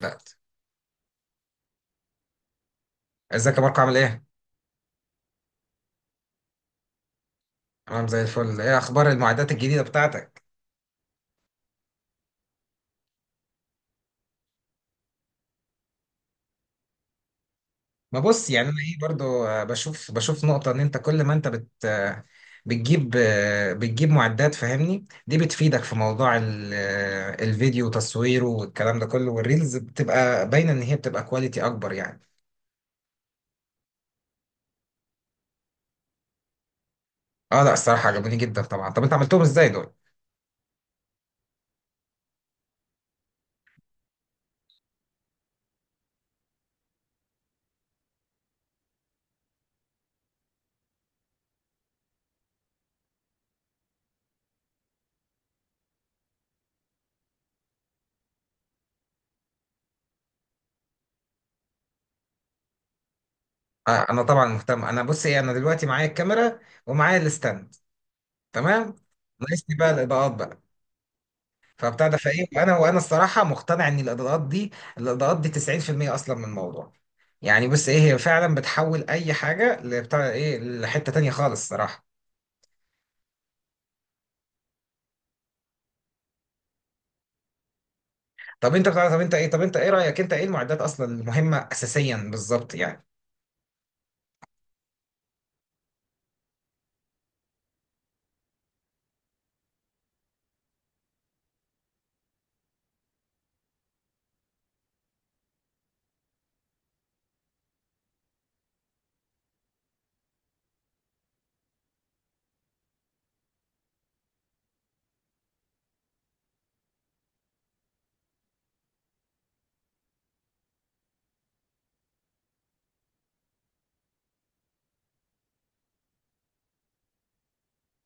بقت. ازيك يا ماركو، عامل ايه؟ تمام، زي الفل. ايه اخبار المعدات الجديدة بتاعتك؟ ما بص، يعني انا ايه برضو، بشوف نقطة ان انت كل ما انت بت آه، بتجيب معدات، فاهمني؟ دي بتفيدك في موضوع الفيديو وتصويره والكلام ده كله، والريلز بتبقى باينة ان هي بتبقى كواليتي اكبر يعني. اه، لا، الصراحة عجبوني جدا طبعا. طب انت عملتهم ازاي دول؟ آه، انا طبعا مهتم. انا بص ايه، انا دلوقتي معايا الكاميرا ومعايا الستاند، تمام؟ ناقصني بقى الاضاءات بقى، فبتاع ده فايه، وانا الصراحه مقتنع ان الاضاءات دي، الاضاءات دي 90% اصلا من الموضوع. يعني بص ايه، هي فعلا بتحول اي حاجه لبتاع ايه، لحته تانية خالص الصراحه. طب انت ايه رايك، انت ايه المعدات اصلا المهمه اساسيا بالظبط يعني؟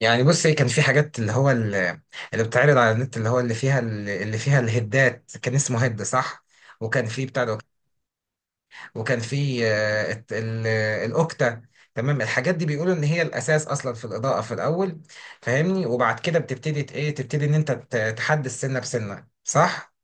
يعني بص ايه، كان في حاجات اللي هو اللي بتعرض على النت، اللي هو اللي فيها اللي فيها الهدات، كان اسمه هد، صح؟ وكان في بتاع ده، وكان في الاوكتا. تمام، الحاجات دي بيقولوا ان هي الاساس اصلا في الاضاءه في الاول، فاهمني؟ وبعد كده بتبتدي ت- ايه تبتدي ان انت تحدد سنه بسنه، صح؟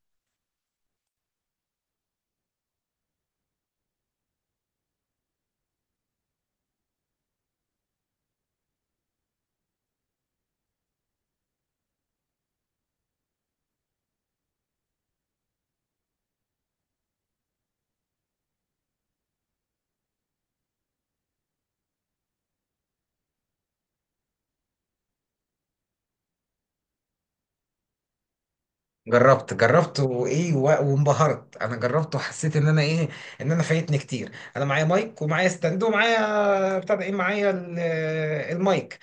جربت وايه وانبهرت. انا جربت وحسيت ان انا ايه، ان انا فايتني كتير. انا معايا مايك ومعايا ستاند ومعايا بتاع ده ايه، معايا المايك،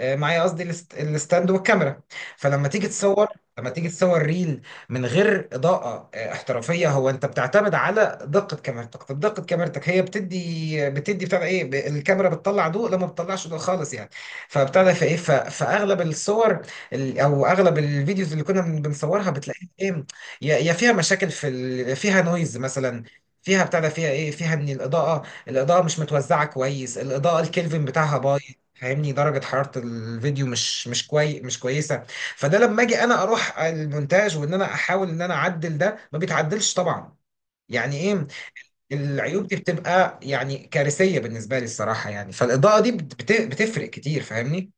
معايا قصدي الستاند والكاميرا. فلما تيجي تصور، لما تيجي تصور ريل من غير اضاءة احترافية، هو انت بتعتمد على دقة كاميرتك. طب دقة كاميرتك هي بتدي بتاع ده ايه، الكاميرا بتطلع ضوء لما بتطلعش ضوء خالص يعني. فبتاع ده فايه، فاغلب الصور، او اغلب الفيديوز اللي كنا بنصورها، ايه، يا فيها مشاكل في ال... فيها نويز مثلا. فيها بتاع ده، فيها ايه، فيها ان الاضاءه، الاضاءه مش متوزعه كويس، الاضاءه الكلفن بتاعها بايظ، فاهمني؟ درجه حراره الفيديو مش كوي مش كويسه. فده لما اجي انا اروح المونتاج وان انا احاول ان انا اعدل ده، ما بيتعدلش طبعا. يعني ايه، العيوب دي بتبقى يعني كارثيه بالنسبه لي الصراحه. يعني فالاضاءه دي بتفرق كتير فاهمني.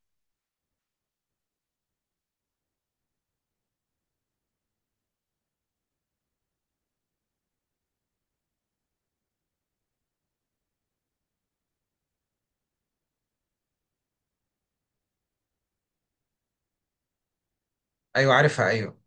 ايوه عارفها، ايوه.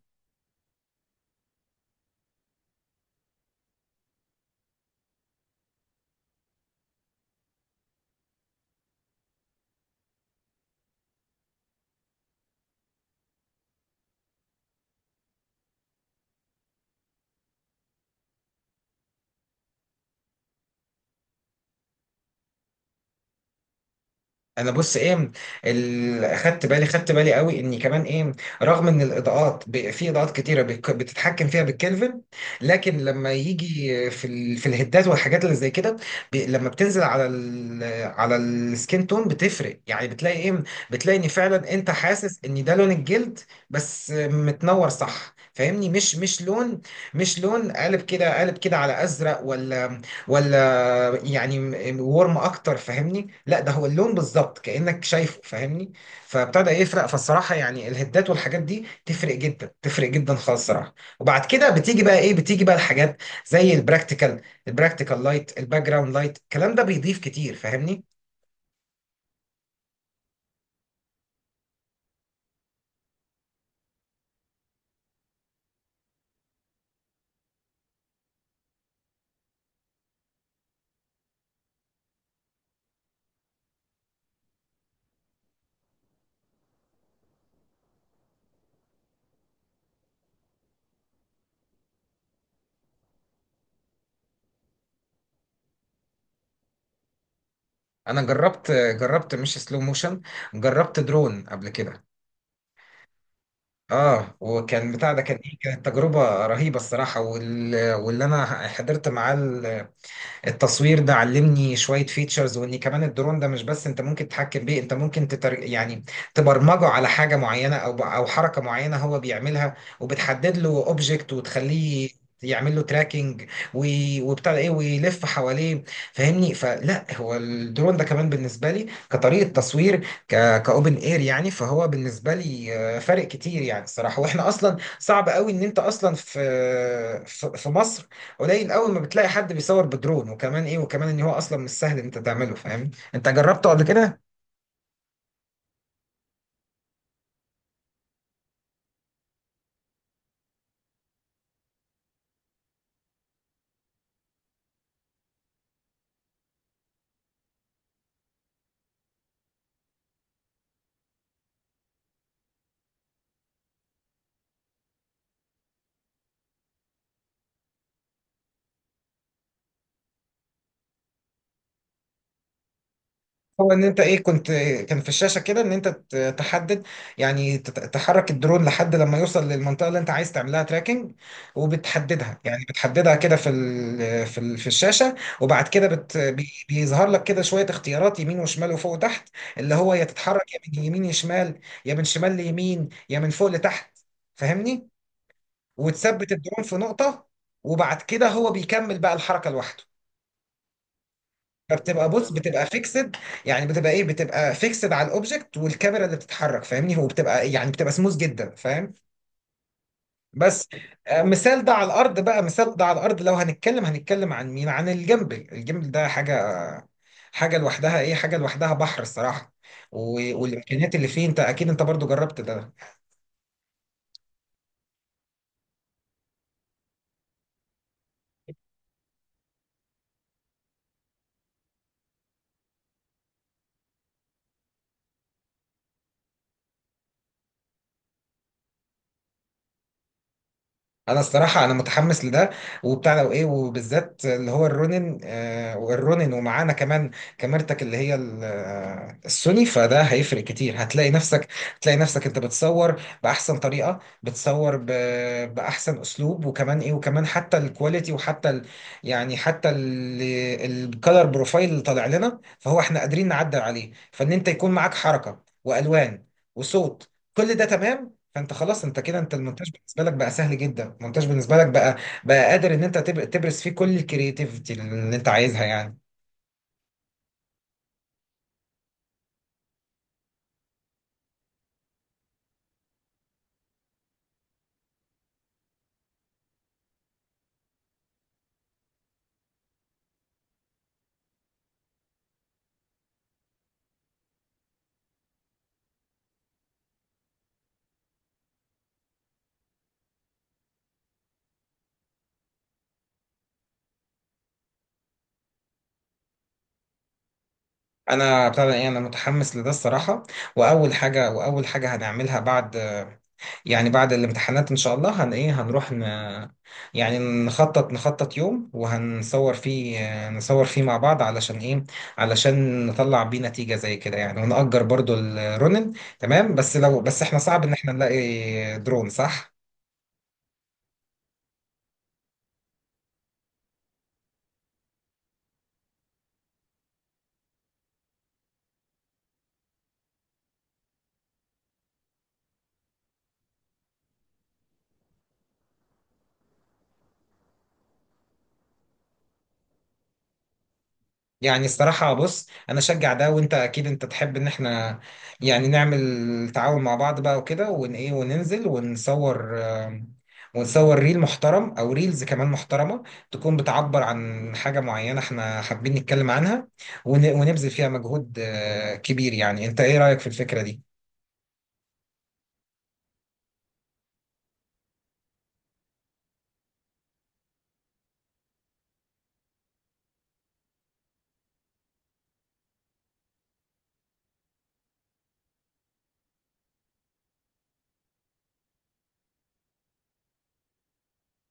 انا بص ايه، خدت بالي، خدت بالي قوي، اني كمان ايه، رغم ان الاضاءات في اضاءات كتيره بتتحكم فيها بالكلفن، لكن لما يجي في ال... في الهدات والحاجات اللي زي كده، ب... لما بتنزل على ال... على السكين تون بتفرق، يعني بتلاقي ايه، بتلاقي ان فعلا انت حاسس ان ده لون الجلد، بس متنور، صح؟ فاهمني، مش لون، مش لون قالب كده، قالب كده على ازرق ولا ولا، يعني ورم اكتر، فاهمني؟ لا، ده هو اللون بالظبط كانك شايفه، فاهمني؟ فابتدى يفرق. فالصراحه يعني الهدات والحاجات دي تفرق جدا، تفرق جدا خالص الصراحه. وبعد كده بتيجي بقى ايه، بتيجي بقى الحاجات زي البراكتيكال، البراكتيكال لايت، الباك جراوند لايت، الكلام ده بيضيف كتير فاهمني. انا جربت، جربت مش سلو موشن، جربت درون قبل كده. اه، وكان بتاع ده كان ايه، كانت تجربه رهيبه الصراحه. وال... واللي انا حضرت معاه التصوير ده علمني شوية فيتشرز، وان كمان الدرون ده مش بس انت ممكن تتحكم بيه، انت ممكن يعني تبرمجه على حاجة معينة، او حركة معينة هو بيعملها، وبتحدد له اوبجكت وتخليه يعمل له تراكنج، وبتاع ده ايه، ويلف حواليه، فاهمني؟ فلا، هو الدرون ده كمان بالنسبه لي كطريقه تصوير، كاوبن اير يعني. فهو بالنسبه لي فارق كتير يعني الصراحه. واحنا اصلا صعب قوي ان انت اصلا في في مصر قليل قوي ما بتلاقي حد بيصور بدرون. وكمان ايه، وكمان ان هو اصلا مش سهل ان انت تعمله، فاهم؟ انت جربته قبل كده؟ هو ان انت ايه، كنت، كان في الشاشه كده ان انت تحدد، يعني تحرك الدرون لحد لما يوصل للمنطقه اللي انت عايز تعملها تراكنج، وبتحددها يعني، بتحددها كده في ال في ال في الشاشه. وبعد كده بيظهر لك كده شويه اختيارات، يمين وشمال وفوق وتحت، اللي هو يا تتحرك يا من يمين يشمال، يا من شمال ليمين، يا من فوق لتحت، فاهمني؟ وتثبت الدرون في نقطة، وبعد كده هو بيكمل بقى الحركة لوحده. فبتبقى، بص، بتبقى فيكسد، يعني بتبقى ايه، بتبقى فيكسد على الاوبجكت والكاميرا اللي بتتحرك، فاهمني؟ هو بتبقى يعني بتبقى سموث جدا، فاهم؟ بس مثال ده على الارض بقى، مثال ده على الارض لو هنتكلم، هنتكلم عن مين، عن الجيمبل. الجيمبل ده حاجة، حاجة لوحدها ايه حاجة لوحدها بحر الصراحة. والامكانيات اللي فيه، انت اكيد انت برضو جربت ده. انا الصراحه انا متحمس لده، وبتاع لو ايه، وبالذات اللي هو الرونين، آه، والرونين ومعانا كمان كاميرتك اللي هي السوني، فده هيفرق كتير. هتلاقي نفسك، هتلاقي نفسك انت بتصور باحسن طريقه، بتصور ب... باحسن اسلوب. وكمان ايه، وكمان حتى الكواليتي، وحتى ال... يعني حتى ال... الكالر بروفايل اللي طالع لنا فهو احنا قادرين نعدل عليه، فان انت يكون معاك حركه والوان وصوت، كل ده تمام. فانت خلاص انت كده، انت المونتاج بالنسبه لك بقى سهل جدا، المونتاج بالنسبه لك بقى قادر ان انت تبرز فيه كل الكرياتيفيتي اللي انت عايزها يعني. انا بتاع ده ايه، انا متحمس لده الصراحه. واول حاجه، واول حاجه هنعملها بعد، يعني بعد الامتحانات ان شاء الله، هن ايه هنروح يعني نخطط، نخطط يوم وهنصور فيه، نصور فيه مع بعض، علشان ايه، علشان نطلع بيه نتيجه زي كده يعني، ونأجر برضو الرونن. تمام، بس احنا صعب ان احنا نلاقي درون، صح؟ يعني الصراحة، بص، أنا أشجع ده، وأنت أكيد أنت تحب إن إحنا يعني نعمل تعاون مع بعض بقى وكده، ون إيه وننزل ونصور، ونصور ريل محترم أو ريلز كمان محترمة، تكون بتعبر عن حاجة معينة إحنا حابين نتكلم عنها. ونبذل فيها مجهود كبير يعني. أنت إيه رأيك في الفكرة دي؟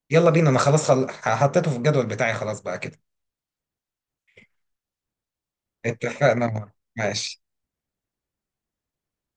يلا بينا، أنا خلاص، حطيته في الجدول بتاعي خلاص بقى كده. اتفقنا، ماشي.